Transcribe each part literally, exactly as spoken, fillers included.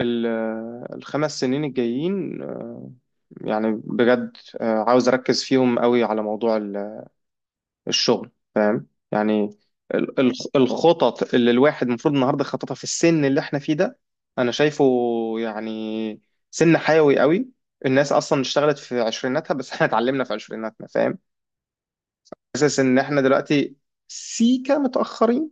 ال- الخمس سنين الجايين، يعني بجد، آه، عاوز أركز فيهم قوي على موضوع ال- الشغل. فاهم يعني. ال- ال- الخطط اللي الواحد المفروض النهارده خططها في السن اللي احنا فيه ده، أنا شايفه يعني سن حيوي قوي. الناس أصلا اشتغلت في عشريناتها بس احنا اتعلمنا في عشريناتنا، فاهم؟ حاسس إن احنا دلوقتي سيكا متأخرين،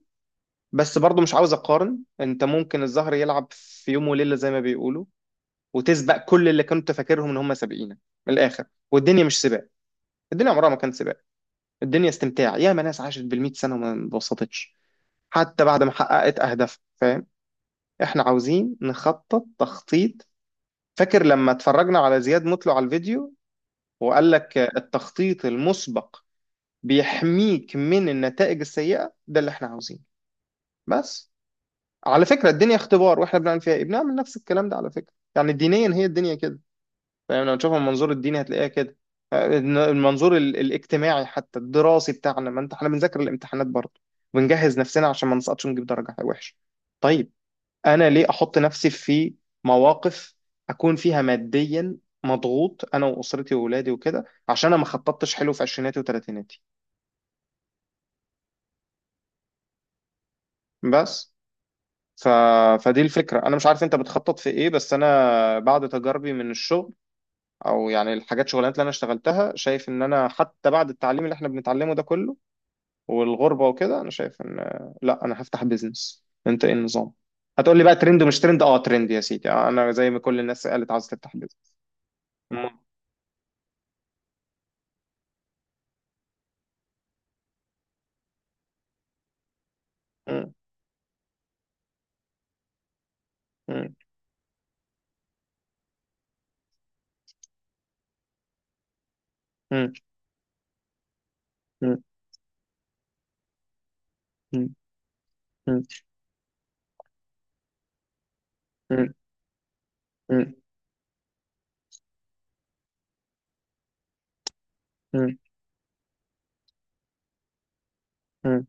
بس برضو مش عاوز أقارن. أنت ممكن الزهر يلعب في يوم وليلة زي ما بيقولوا وتسبق كل اللي كنت فاكرهم ان هم سابقينك، من الاخر. والدنيا مش سباق، الدنيا عمرها ما كانت سباق. الدنيا استمتاع، ياما ناس عاشت بالمئة سنة وما انبسطتش حتى بعد ما حققت اهدافها، فاهم؟ احنا عاوزين نخطط تخطيط. فاكر لما اتفرجنا على زياد مطلع على الفيديو وقال لك التخطيط المسبق بيحميك من النتائج السيئة؟ ده اللي احنا عاوزينه. بس على فكرة الدنيا اختبار، واحنا بنعمل فيها ايه؟ بنعمل نفس الكلام ده على فكرة، يعني دينيا هي الدنيا كده، فاهم؟ لو تشوفها من منظور الديني هتلاقيها كده. المنظور ال- الاجتماعي حتى الدراسي بتاعنا، ما انت احنا بنذاكر الامتحانات برضه، بنجهز نفسنا عشان ما نسقطش ونجيب درجة وحشة. طيب، انا ليه احط نفسي في مواقف اكون فيها ماديا مضغوط، انا واسرتي واولادي وكده، عشان انا ما خططتش حلو في عشريناتي وثلاثيناتي؟ بس ف... فدي الفكرة. انا مش عارف انت بتخطط في ايه، بس انا بعد تجاربي من الشغل او يعني الحاجات شغلانات اللي انا اشتغلتها، شايف ان انا حتى بعد التعليم اللي احنا بنتعلمه ده كله والغربة وكده، أنا شايف إن لا، أنا هفتح بيزنس. أنت إيه النظام؟ هتقول لي بقى ترند ومش ترند. أه ترند يا سيدي. آه، أنا زي ما كل الناس قالت عاوز تفتح بيزنس. مم. مم. مم. مم. مم. مم. مم. مم. مم. مم. مم.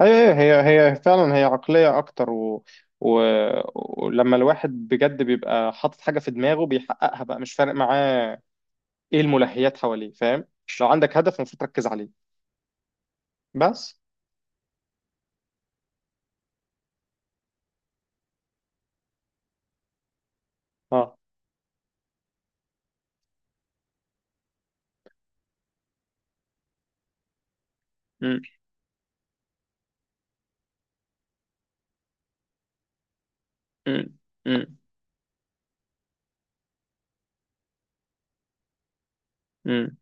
أيوه أيوه، هي هي فعلا هي عقلية أكتر، و... و... ولما الواحد بجد بيبقى حاطط حاجة في دماغه بيحققها بقى، مش فارق معاه إيه الملهيات حواليه، فاهم؟ لو عندك هدف المفروض تركز عليه. بس. أه. مم. مم. مم.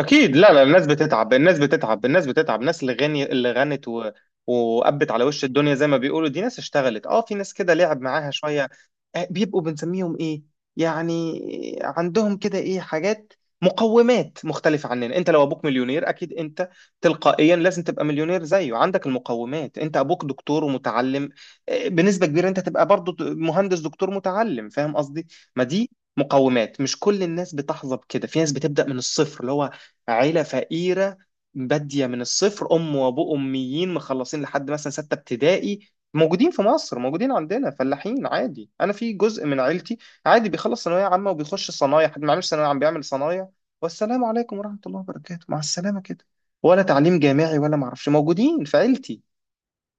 اكيد. لا لا، الناس بتتعب، الناس بتتعب، الناس بتتعب. الناس اللي غني اللي غنت و... وقبت على وش الدنيا زي ما بيقولوا، دي ناس اشتغلت. اه، في ناس كده لعب معاها شويه. آه، بيبقوا بنسميهم ايه يعني؟ عندهم كده ايه حاجات، مقومات مختلفه عننا. انت لو ابوك مليونير اكيد انت تلقائيا لازم تبقى مليونير زيه، عندك المقومات. انت ابوك دكتور ومتعلم، آه، بنسبه كبيره انت تبقى برضه مهندس دكتور متعلم، فاهم قصدي؟ ما دي مقومات، مش كل الناس بتحظى بكده. في ناس بتبدا من الصفر، اللي هو عيلة فقيرة، بادية من الصفر، أم وأبوه أميين مخلصين لحد مثلا ستة ابتدائي. موجودين في مصر، موجودين عندنا فلاحين عادي. أنا في جزء من عيلتي عادي بيخلص ثانوية عامة وبيخش صنايع، حد ما عملش ثانوية عامة بيعمل صنايع، والسلام عليكم ورحمة الله وبركاته، مع السلامة كده. ولا تعليم جامعي ولا معرفش، موجودين في عيلتي،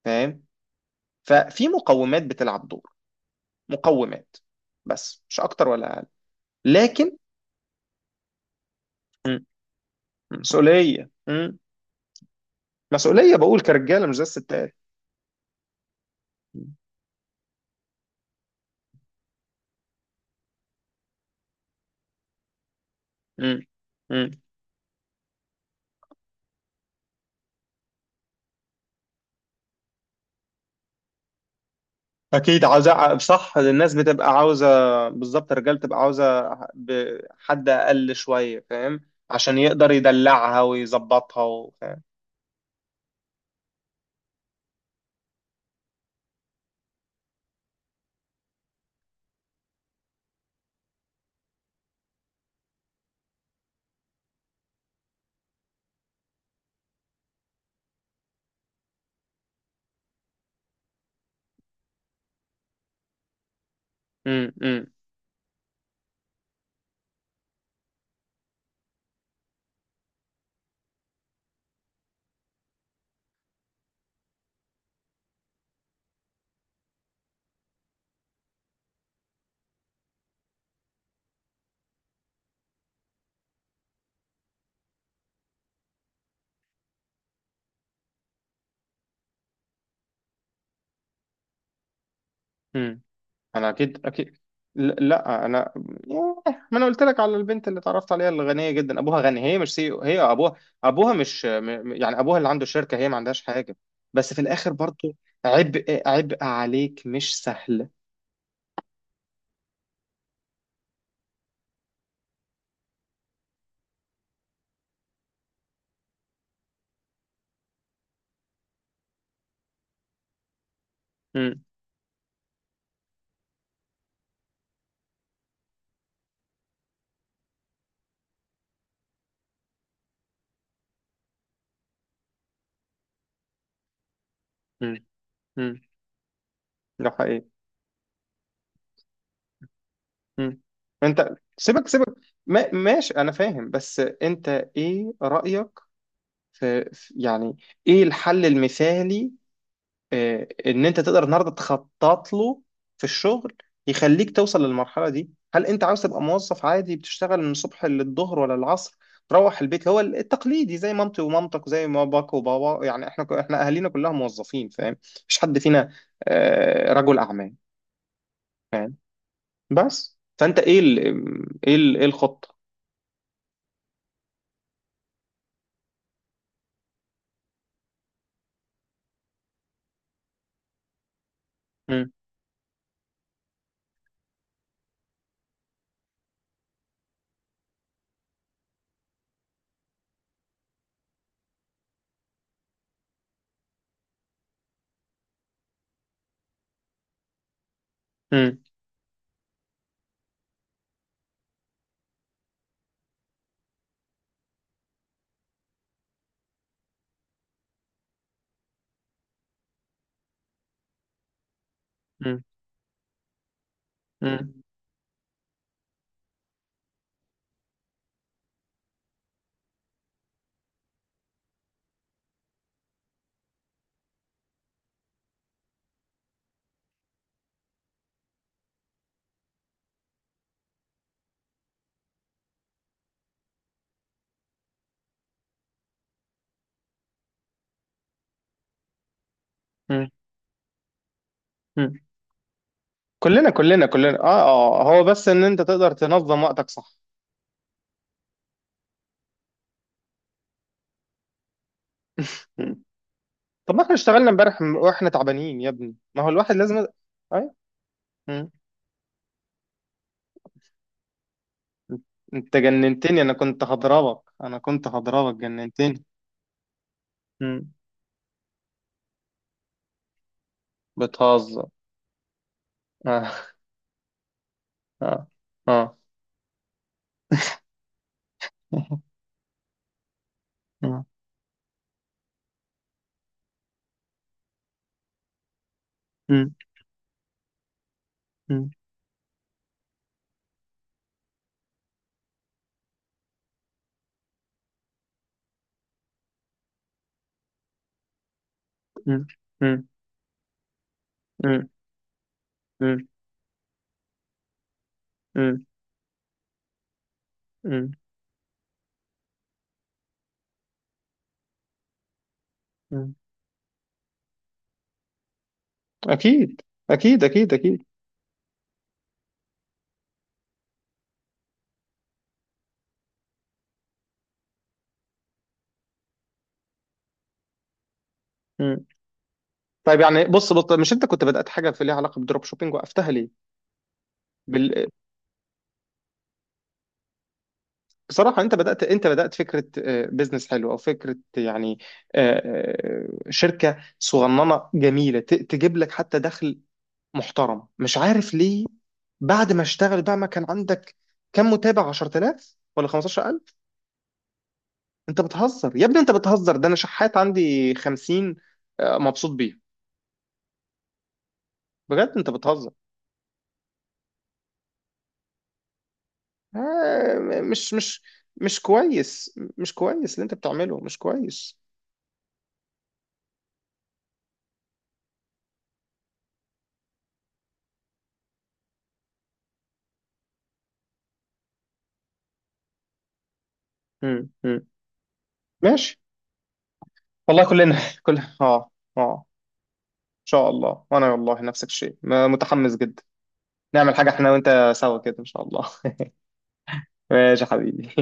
فاهم؟ ففي مقومات بتلعب دور، مقومات، بس مش أكتر ولا أقل. لكن م- مسؤولية، م- مسؤولية، بقول كرجالة مش زي الستات. مم. مم. اكيد عاوزة، صح. الناس بتبقى عاوزة، بالظبط. الرجال بتبقى عاوزة ب- حد اقل شوية، فاهم؟ عشان يقدر يدلعها ويظبطها و- فاهم؟ مم. مم. مم. انا اكيد اكيد. ل- لا انا، ياه، ما انا قلت لك على البنت اللي اتعرفت عليها، اللي غنية جدا، ابوها غني، هي مش سي، هي ابوها. ابوها مش م- م- يعني ابوها اللي عنده شركة، هي ما عندهاش حاجة. بس في الاخر برضو عبء، عبء عليك، مش سهل. مم. مم. مم. ده حقيقي. مم. انت سيبك سيبك. ما ماشي، انا فاهم. بس انت ايه رأيك في في- يعني ايه الحل المثالي، اه، ان انت تقدر النهارده تخطط له في الشغل يخليك توصل للمرحلة دي؟ هل انت عاوز تبقى موظف عادي بتشتغل من الصبح للظهر ولا العصر، تروح البيت؟ هو التقليدي، زي مامتي ومامتك وزي ما باك وبابا، يعني احنا ك- احنا اهالينا كلها موظفين، فاهم؟ مفيش حد فينا اه، رجل اعمال، فاهم؟ بس فانت ايه ال- ايه ال- ايه الخطة؟ مم. مم. مم. مم. مم. مم. كلنا كلنا كلنا، اه اه، هو بس ان انت تقدر تنظم وقتك صح. مم. طب ما احنا اشتغلنا امبارح م- واحنا تعبانين يا ابني، ما هو الواحد لازم. ايوه. مم. انت جننتني، انا كنت هضربك، انا كنت هضربك، جننتني. مم. بتهزر. اه اه اه. مم. مم. مم. مم. مم. مم. مم. مم. اكيد اكيد اكيد اكيد. طيب يعني بص بص، مش انت كنت بدأت حاجه في ليها علاقه بالدروب شوبينج، وقفتها ليه؟ بال... بصراحه انت بدأت، انت بدأت فكره، آه، بيزنس حلو او فكره يعني، آه، آه، شركه صغننه جميله ت- تجيب لك حتى دخل محترم، مش عارف ليه. بعد ما اشتغل بقى ما كان عندك كم متابع، عشرة آلاف ولا خمسة عشر ألف؟ انت بتهزر يا ابني، انت بتهزر، ده انا شحات عندي خمسين، آه، مبسوط بيه. بجد انت بتهزر. آه، مش مش مش كويس. مش كويس اللي انت بتعمله، مش كويس. مم. مم. ماشي. والله كلنا، كل اه اه. ان شاء الله. وانا والله نفس الشيء، م- متحمس جدا، نعمل حاجة احنا وانت سوا كده، ان شاء الله. ماشي يا حبيبي.